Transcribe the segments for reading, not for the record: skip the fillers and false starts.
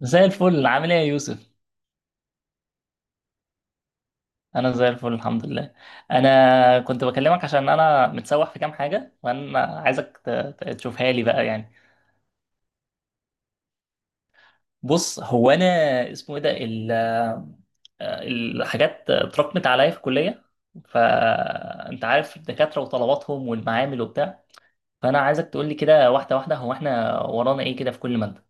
زي الفل، عامل ايه يا يوسف؟ انا زي الفل، الحمد لله. انا كنت بكلمك عشان انا متسوح في كام حاجه، وانا عايزك تشوفها لي بقى يعني. بص هو انا، اسمه ايه ده، الحاجات اتراكمت عليا في الكليه. فانت عارف الدكاتره وطلباتهم والمعامل وبتاع. فانا عايزك تقول لي كده واحده واحده، هو احنا ورانا ايه كده في كل ماده؟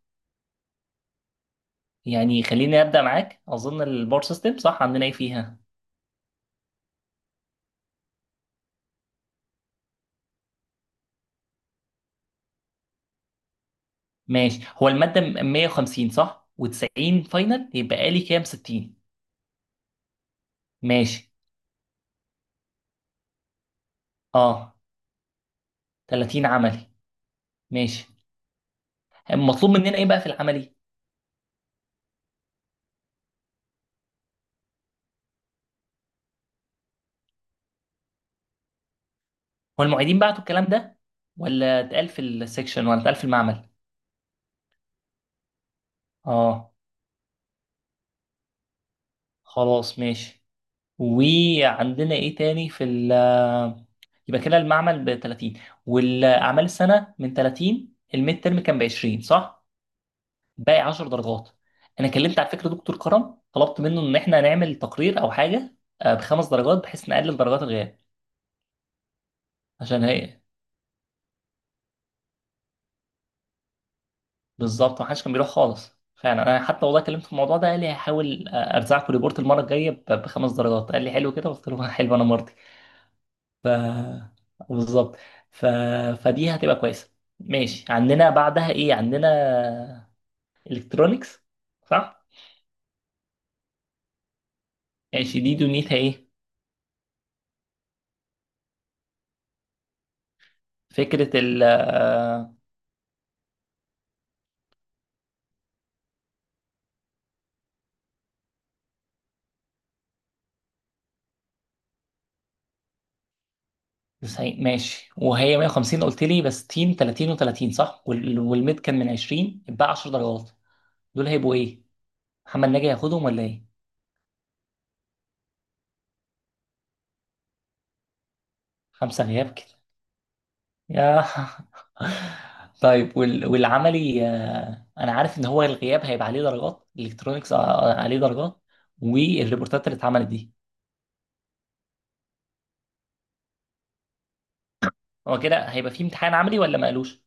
يعني خليني ابدا معاك. اظن الباور سيستم صح، عندنا ايه فيها؟ ماشي. هو المادة 150، صح؟ و90 فاينل، يبقى لي كام؟ 60. ماشي. اه. 30 عملي. ماشي. المطلوب مننا ايه بقى في العملي؟ هو المعيدين بعتوا الكلام ده، ولا اتقال في السكشن، ولا اتقال في المعمل؟ اه. خلاص ماشي. وعندنا ايه تاني في ال، يبقى كده المعمل ب 30. والاعمال السنة من 30، الميد ترم كان ب 20، صح؟ باقي 10 درجات. انا كلمت على فكره دكتور كرم، طلبت منه ان احنا نعمل تقرير او حاجه، بخمس درجات بحيث نقلل درجات الغياب. عشان هي. بالظبط، ما حدش كان بيروح خالص فعلا. انا حتى والله كلمت في الموضوع ده، قال لي هحاول ارزعكم ريبورت المره الجايه بخمس درجات. قال لي حلو كده، قلت له حلو انا مرضي. ف بالظبط. ف... فدي هتبقى كويسه. ماشي، عندنا بعدها ايه؟ عندنا الكترونكس، صح؟ ماشي. دي دنيتها ايه؟ فكره ال آه، 90. ماشي، وهي 150 قلت لي بس تيم، 30 و30، صح؟ والميد كان من 20، يبقى 10 درجات. دول هيبقوا ايه؟ محمد ناجي هياخدهم ولا ايه؟ خمسة غياب كده. يا طيب، والعملي، انا عارف ان هو الغياب هيبقى عليه درجات. الالكترونيكس عليه درجات والريبورتات اللي اتعملت دي. هو كده هيبقى فيه امتحان عملي ولا ما قالوش؟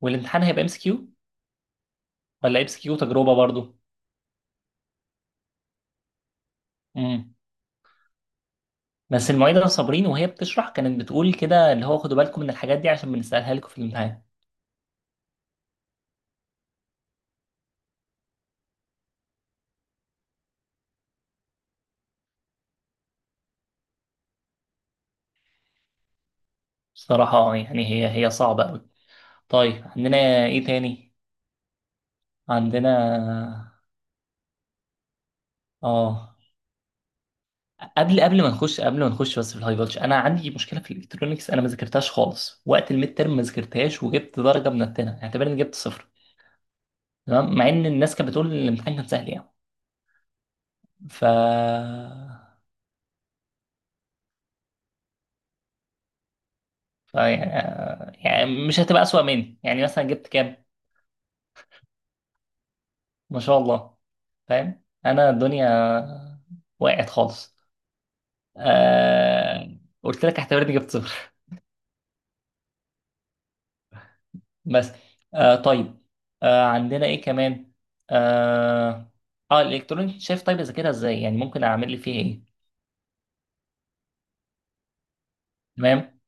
والامتحان هيبقى ام اس كيو ولا ام اس كيو تجربة برضو؟ امم بس المعيدة صابرين، وهي بتشرح كانت بتقول كده، اللي هو خدوا بالكم من الحاجات دي عشان بنسألها لكم في الامتحان. الصراحة اه يعني، هي صعبة أوي. طيب، عندنا إيه تاني؟ عندنا. آه قبل ما نخش بس. في الهاي فولج أنا عندي مشكلة في الإلكترونيكس، أنا ما ذاكرتهاش خالص، وقت الميد تيرم ما ذاكرتهاش، وجبت درجة منتنة، اعتبر إني جبت صفر. تمام. مع إن الناس كانت بتقول إن الامتحان كان سهل يعني. ف ف يعني مش هتبقى أسوأ مني، يعني مثلا جبت كام؟ ما شاء الله. فاهم انا الدنيا وقعت خالص. قلت لك اعتبرني جبت صفر بس. طيب. عندنا ايه كمان؟ اه, الالكترونيك، شايف؟ طيب اذاكرها ازاي يعني، ممكن اعمل لي فيه ايه؟ تمام.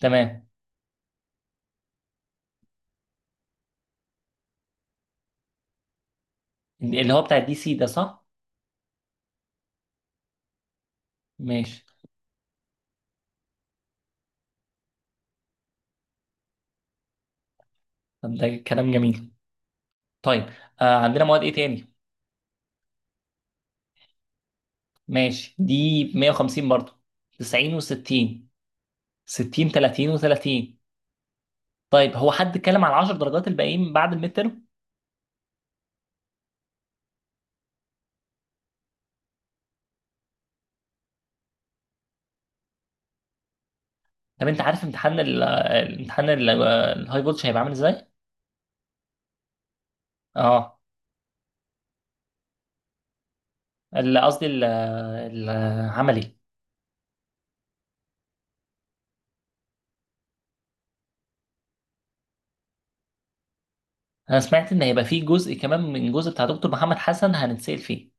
تمام. اللي هو بتاع الدي سي ده، صح؟ ماشي. طب ده كلام جميل. طيب، عندنا مواد ايه تاني؟ ماشي، دي 150 برضه. 90 و60. 60، 30 و30. طيب، هو حد اتكلم على 10 درجات الباقيين بعد الميد ترم؟ طب انت عارف امتحان الامتحان الهاي فولتج هيبقى عامل ازاي؟ اه. قصدي العملي. انا سمعت ان هيبقى فيه جزء كمان من الجزء بتاع دكتور محمد حسن هنتسال فيه.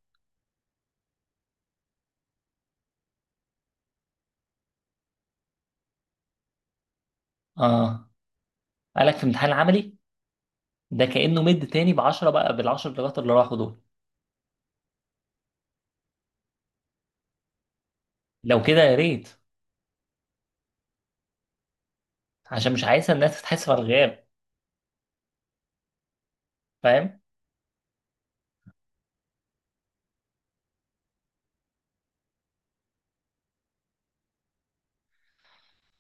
اه، قالك في امتحان العملي؟ ده كانه مد تاني ب 10 بقى، بال 10 درجات اللي راحوا دول. لو كده يا ريت، عشان مش عايزه الناس تتحسب على الغياب. فاهم.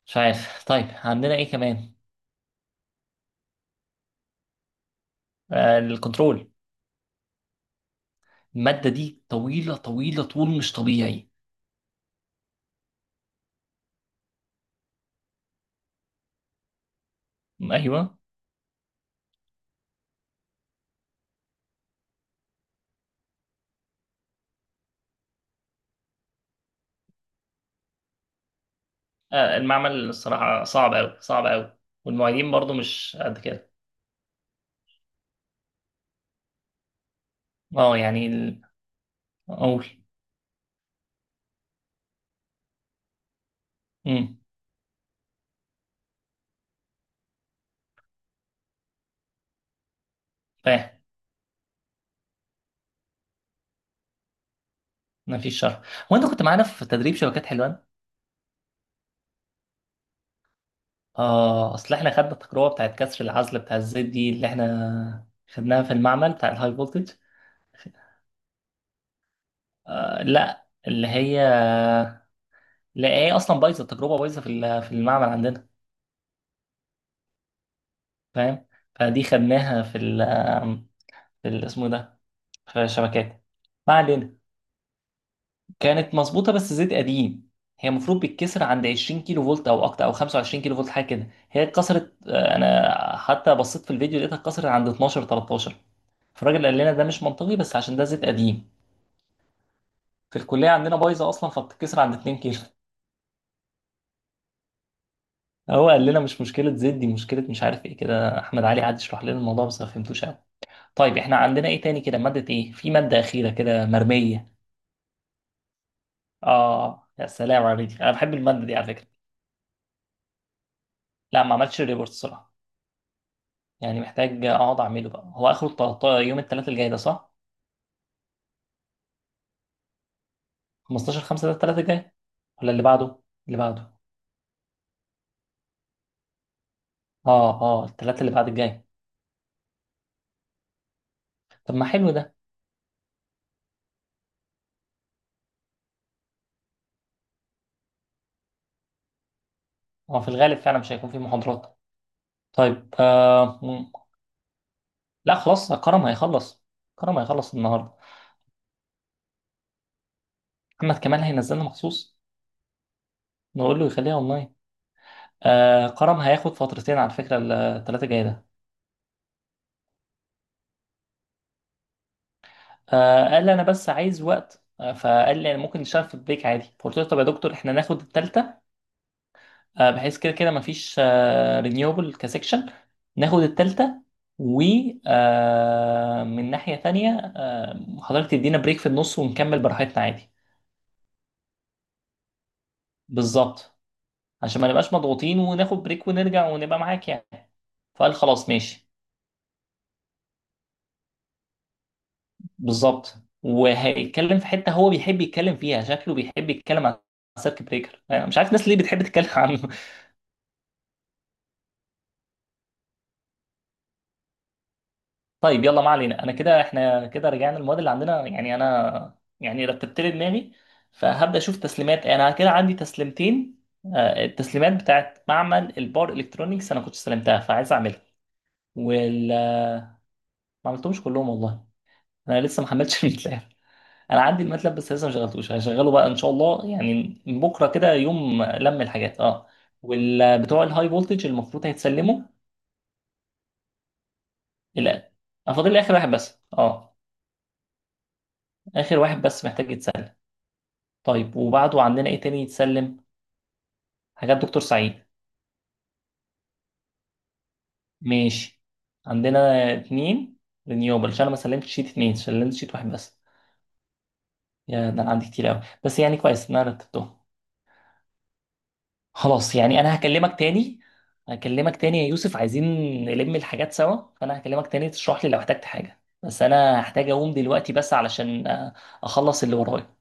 مش عارف. طيب، عندنا ايه كمان؟ الكنترول. الماده دي طويله طويله طول مش طبيعي. ايوه. المعمل الصراحة صعب أوي صعب أوي. والمعيدين برضو مش قد كده. اه يعني أقول. امم فاهم. مفيش شر. هو أنت كنت معانا في تدريب شبكات حلوان؟ اه، أصل إحنا خدنا التجربة بتاعت كسر العزل بتاع الزيت دي اللي إحنا خدناها في المعمل بتاع الهاي فولتج. لا، اللي هي. لا، هي أصلا بايظة. التجربة بايظة في المعمل عندنا. فاهم؟ فدي خدناها اسمه إيه ده، في الشبكات. ما علينا. كانت مظبوطة بس زيت قديم. هي المفروض بتتكسر عند 20 كيلو فولت او اكتر، او 25 كيلو فولت حاجة كده. هي اتكسرت، انا حتى بصيت في الفيديو لقيتها اتكسرت عند 12، 13. فالراجل قال لنا ده مش منطقي، بس عشان ده زيت قديم. في الكلية عندنا بايظة اصلا، فبتتكسر عند 2 كيلو هو قال لنا مش مشكلة زيت، دي مشكلة مش عارف ايه كده. احمد علي قعد يشرح لنا الموضوع بس ما فهمتوش قوي. طيب احنا عندنا ايه تاني كده؟ مادة ايه في مادة أخيرة كده مرمية؟ اه يا سلام عليك، انا بحب المادة دي على فكرة. لا، ما عملتش ريبورت الصراحة. يعني محتاج اقعد اعمله بقى. هو اخره يوم الثلاث الجاي ده، صح؟ 15 5 ده الثلاث الجاي، ولا اللي بعده؟ اللي بعده. اه اه، الثلاث اللي بعد الجاي. طب ما حلو ده. هو في الغالب فعلا مش هيكون في محاضرات. طيب. لا خلاص، كرم هيخلص. كرم هيخلص النهارده. محمد كمال هينزلنا مخصوص. نقول له يخليها اونلاين. كرم هياخد فترتين على فكره. الثلاثه الجاي ده. قال لي انا بس عايز وقت، فقال لي ممكن نشتغل في البريك عادي. فقلت له طب يا دكتور احنا ناخد الثالثه، بحيث كده كده مفيش رينيوبل كسكشن، ناخد التالتة. و من ناحية تانية، حضرتك تدينا بريك في النص ونكمل براحتنا عادي. بالظبط، عشان ما نبقاش مضغوطين وناخد بريك ونرجع ونبقى معاك يعني. فقال خلاص ماشي. بالظبط. وهيتكلم في حتة هو بيحب يتكلم فيها، شكله بيحب يتكلم عن السيرك بريكر. أنا مش عارف الناس ليه بتحب تتكلم عنه. طيب يلا، ما علينا. انا كده احنا كده رجعنا المواد اللي عندنا، يعني انا يعني رتبت لي دماغي. فهبدا اشوف تسليمات، انا كده عندي تسليمتين. التسليمات بتاعت معمل البار الكترونيكس انا كنت استلمتها فعايز اعملها. وال آه، ما عملتهمش كلهم والله. انا لسه ما حملتش الماتلاب. انا عندي الماتلاب بس لسه ما شغلتوش، هشغله بقى ان شاء الله، يعني من بكره كده يوم لم الحاجات، اه. والبتوع الهاي فولتج المفروض هيتسلموا. لا، أنا فاضل لي اخر واحد بس، اه. اخر واحد بس محتاج يتسلم. طيب وبعده عندنا ايه تاني يتسلم؟ حاجات دكتور سعيد. ماشي. عندنا اتنين رينيوبل، عشان انا ما سلمتش شيت اتنين، سلمت شيت واحد بس. يا ده انا عندي كتير قوي، بس يعني كويس ان انا رتبتهم. خلاص يعني انا هكلمك تاني. هكلمك تاني يا يوسف، عايزين نلم الحاجات سوا. فانا هكلمك تاني تشرح لي لو احتجت حاجة، بس انا هحتاج اقوم دلوقتي بس علشان اخلص اللي ورايا.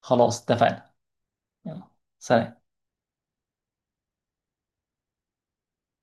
خلاص اتفقنا. يلا. سلام.